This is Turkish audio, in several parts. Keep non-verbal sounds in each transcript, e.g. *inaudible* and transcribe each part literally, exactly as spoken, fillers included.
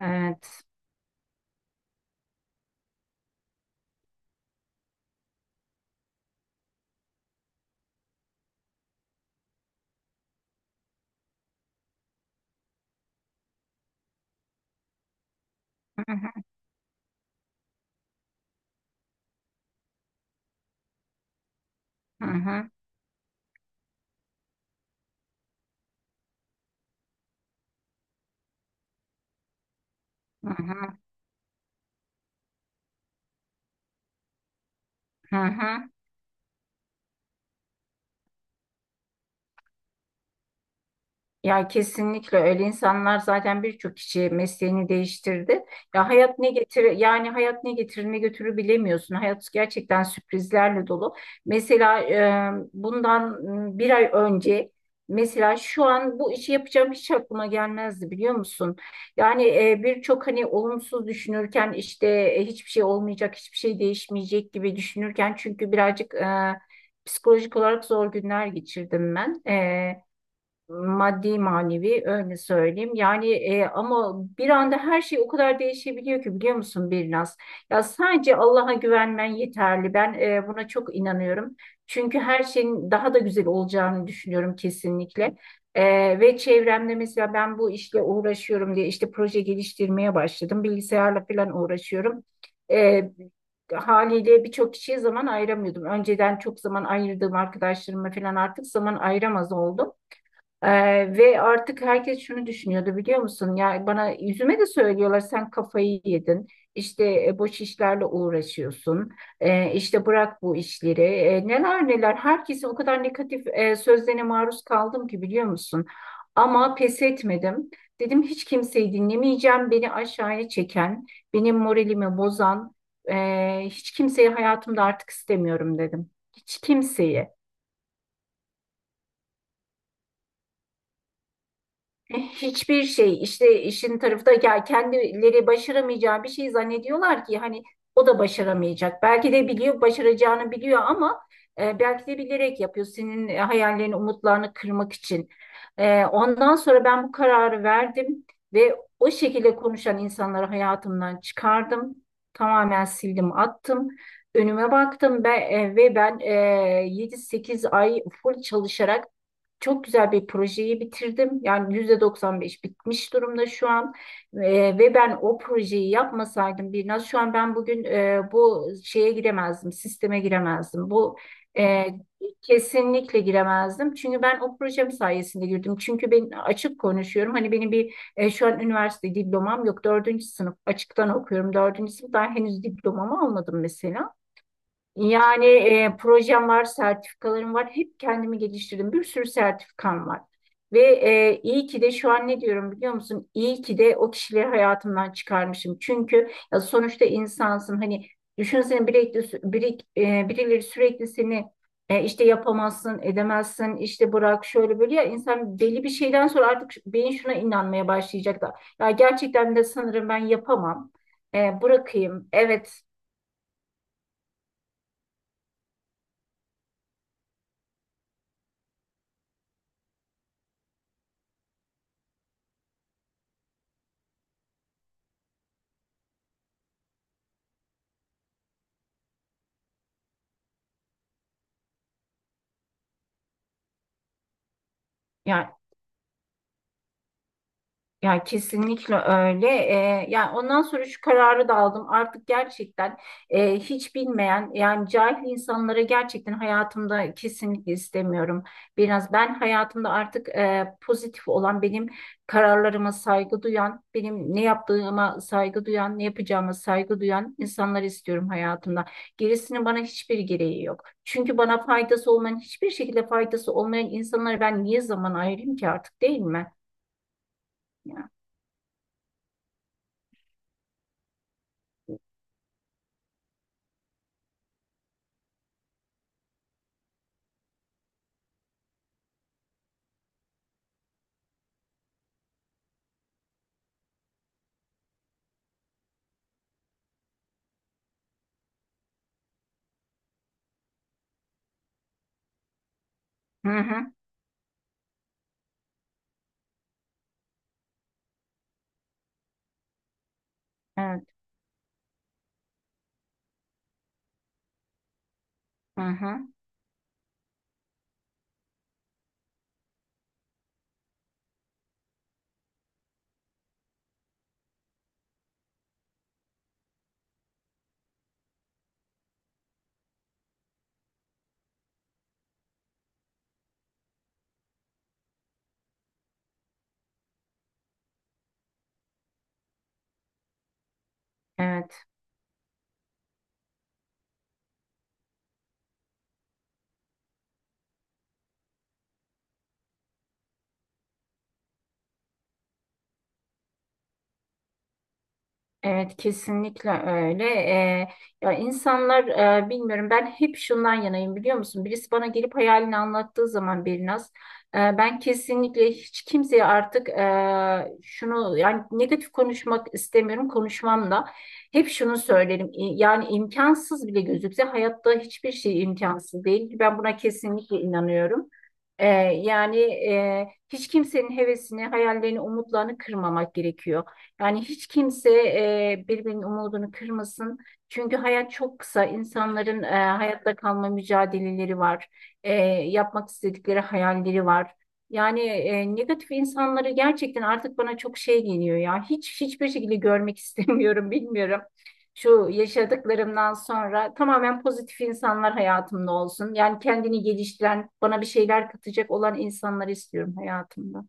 Evet. Hı hı hı hı hı hı. hı. hı. Ya kesinlikle öyle, insanlar zaten birçok kişi mesleğini değiştirdi. Ya hayat ne getir yani hayat ne getirir ne götürür bilemiyorsun. Hayat gerçekten sürprizlerle dolu. Mesela e, bundan m, bir ay önce mesela şu an bu işi yapacağım hiç aklıma gelmezdi, biliyor musun? Yani e, birçok hani olumsuz düşünürken, işte e, hiçbir şey olmayacak, hiçbir şey değişmeyecek gibi düşünürken, çünkü birazcık e, psikolojik olarak zor günler geçirdim ben. E, Maddi manevi öyle söyleyeyim. Yani e, ama bir anda her şey o kadar değişebiliyor ki, biliyor musun Birnaz? Ya sadece Allah'a güvenmen yeterli. Ben e, buna çok inanıyorum. Çünkü her şeyin daha da güzel olacağını düşünüyorum kesinlikle. E, Ve çevremde mesela ben bu işle uğraşıyorum diye işte proje geliştirmeye başladım. Bilgisayarla falan uğraşıyorum. E, Haliyle birçok kişiye zaman ayıramıyordum. Önceden çok zaman ayırdığım arkadaşlarıma falan artık zaman ayıramaz oldum. Ee, Ve artık herkes şunu düşünüyordu, biliyor musun? Ya bana, yüzüme de söylüyorlar, sen kafayı yedin. İşte e, boş işlerle uğraşıyorsun. E, işte bırak bu işleri. E, neler neler, herkese o kadar negatif e, sözlerine maruz kaldım ki, biliyor musun? Ama pes etmedim. Dedim, hiç kimseyi dinlemeyeceğim. Beni aşağıya çeken, benim moralimi bozan e, hiç kimseyi hayatımda artık istemiyorum dedim. Hiç kimseyi. Hiçbir şey, işte işin tarafı da, ya kendileri başaramayacağı bir şey zannediyorlar ki hani o da başaramayacak. Belki de biliyor, başaracağını biliyor ama e, belki de bilerek yapıyor, senin e, hayallerini, umutlarını kırmak için. E, ondan sonra ben bu kararı verdim ve o şekilde konuşan insanları hayatımdan çıkardım. Tamamen sildim attım. Önüme baktım ben, e, ve ben e, yedi sekiz ay full çalışarak çok güzel bir projeyi bitirdim. Yani yüzde doksan beş bitmiş durumda şu an. Ee, ve ben o projeyi yapmasaydım, biraz şu an ben bugün e, bu şeye giremezdim, sisteme giremezdim. Bu e, Kesinlikle giremezdim. Çünkü ben o projem sayesinde girdim. Çünkü ben açık konuşuyorum. Hani benim bir e, şu an üniversite diplomam yok. Dördüncü sınıf açıktan okuyorum. Dördüncü sınıf, daha henüz diplomamı almadım mesela. Yani e, projem var, sertifikalarım var. Hep kendimi geliştirdim. Bir sürü sertifikam var. Ve e, iyi ki de şu an ne diyorum, biliyor musun? İyi ki de o kişileri hayatımdan çıkarmışım. Çünkü ya sonuçta insansın. Hani düşünsene, biri, biri, e, birileri sürekli seni e, işte yapamazsın, edemezsin, işte bırak şöyle böyle, ya insan belli bir şeyden sonra artık beyin şuna inanmaya başlayacak da. Ya gerçekten de sanırım ben yapamam. E, bırakayım. Evet. Yani Ya kesinlikle öyle. Ee, yani ondan sonra şu kararı da aldım. Artık gerçekten e, hiç bilmeyen yani cahil insanlara gerçekten hayatımda kesinlikle istemiyorum. Biraz ben hayatımda artık e, pozitif olan, benim kararlarıma saygı duyan, benim ne yaptığıma saygı duyan, ne yapacağıma saygı duyan insanları istiyorum hayatımda. Gerisinin bana hiçbir gereği yok. Çünkü bana faydası olmayan, hiçbir şekilde faydası olmayan insanlara ben niye zaman ayırayım ki artık, değil mi? Ya. Hı hı. Evet. Hı hı. Evet. Evet, kesinlikle öyle. Ee, ya insanlar e, bilmiyorum, ben hep şundan yanayım, biliyor musun? Birisi bana gelip hayalini anlattığı zaman Birnaz, e, ben kesinlikle hiç kimseye artık e, şunu, yani negatif konuşmak istemiyorum konuşmamla, hep şunu söylerim. İ- Yani imkansız bile gözükse, hayatta hiçbir şey imkansız değil. Ben buna kesinlikle inanıyorum. Ee, Yani e, hiç kimsenin hevesini, hayallerini, umutlarını kırmamak gerekiyor. Yani hiç kimse e, birbirinin umudunu kırmasın. Çünkü hayat çok kısa. İnsanların e, hayatta kalma mücadeleleri var. E, Yapmak istedikleri hayalleri var. Yani e, negatif insanları gerçekten artık bana çok şey geliyor ya. Hiç hiçbir şekilde görmek *laughs* istemiyorum, bilmiyorum. Şu yaşadıklarımdan sonra tamamen pozitif insanlar hayatımda olsun. Yani kendini geliştiren, bana bir şeyler katacak olan insanlar istiyorum hayatımda.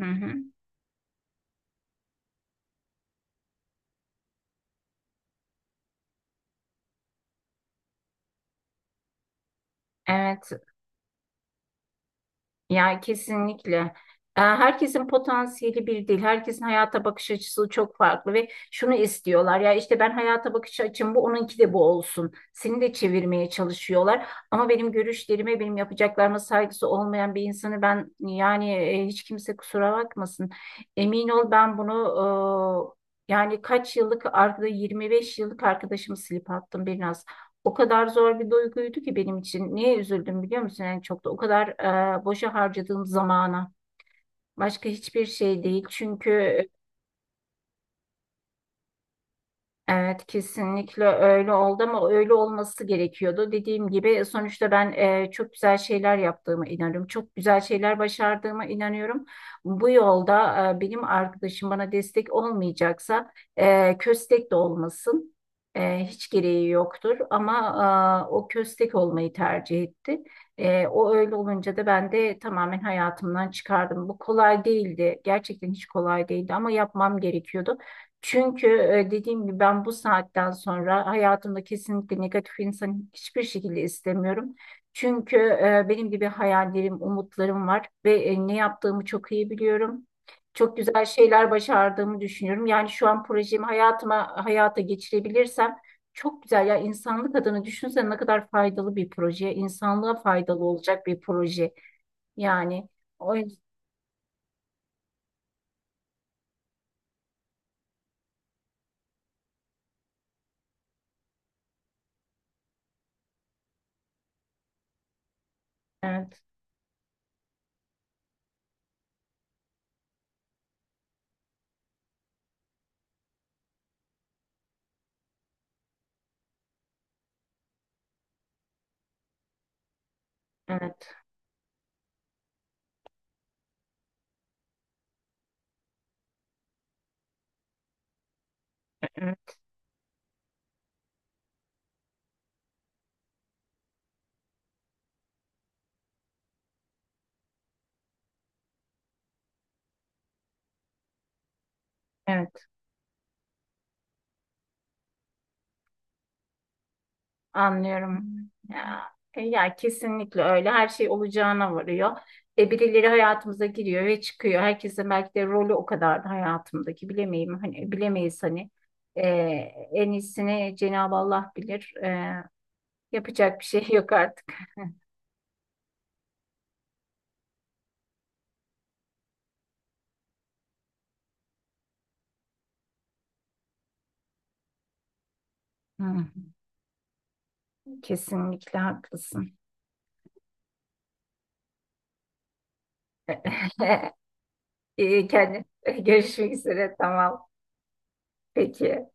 Hı hı. Evet. Yani kesinlikle. Ee, Herkesin potansiyeli bir değil. Herkesin hayata bakış açısı çok farklı ve şunu istiyorlar. Ya işte, ben hayata bakış açım bu, onunki de bu olsun. Seni de çevirmeye çalışıyorlar. Ama benim görüşlerime, benim yapacaklarıma saygısı olmayan bir insanı ben, yani e, hiç kimse kusura bakmasın. Emin ol, ben bunu e, yani kaç yıllık arkada yirmi beş yıllık arkadaşımı silip attım biraz. O kadar zor bir duyguydu ki benim için. Niye üzüldüm, biliyor musun? En çok da o kadar e, boşa harcadığım zamana. Başka hiçbir şey değil. Çünkü evet, kesinlikle öyle oldu ama öyle olması gerekiyordu. Dediğim gibi, sonuçta ben e, çok güzel şeyler yaptığıma inanıyorum. Çok güzel şeyler başardığıma inanıyorum. Bu yolda e, benim arkadaşım bana destek olmayacaksa e, köstek de olmasın. E, hiç gereği yoktur ama e, o köstek olmayı tercih etti. E, o öyle olunca da ben de tamamen hayatımdan çıkardım. Bu kolay değildi. Gerçekten hiç kolay değildi ama yapmam gerekiyordu. Çünkü e, dediğim gibi, ben bu saatten sonra hayatımda kesinlikle negatif insanı hiçbir şekilde istemiyorum. Çünkü e, benim gibi hayallerim, umutlarım var ve e, ne yaptığımı çok iyi biliyorum. Çok güzel şeyler başardığımı düşünüyorum. Yani şu an projemi hayatıma hayata geçirebilirsem çok güzel. Ya insanlık adına düşünsene, ne kadar faydalı bir proje, insanlığa faydalı olacak bir proje. Yani o yüzden evet, evet, evet, evet. Anlıyorum. Ya, e, ya kesinlikle öyle. Her şey olacağına varıyor. E, birileri hayatımıza giriyor ve çıkıyor. Herkesin belki de rolü o kadardı hayatımdaki. Bilemeyim hani, bilemeyiz hani. E, En iyisini Cenab-ı Allah bilir. E, yapacak bir şey *laughs* yok artık. Hı, kesinlikle haklısın. *laughs* E, kendi e, görüşmek üzere. Tamam. Peki.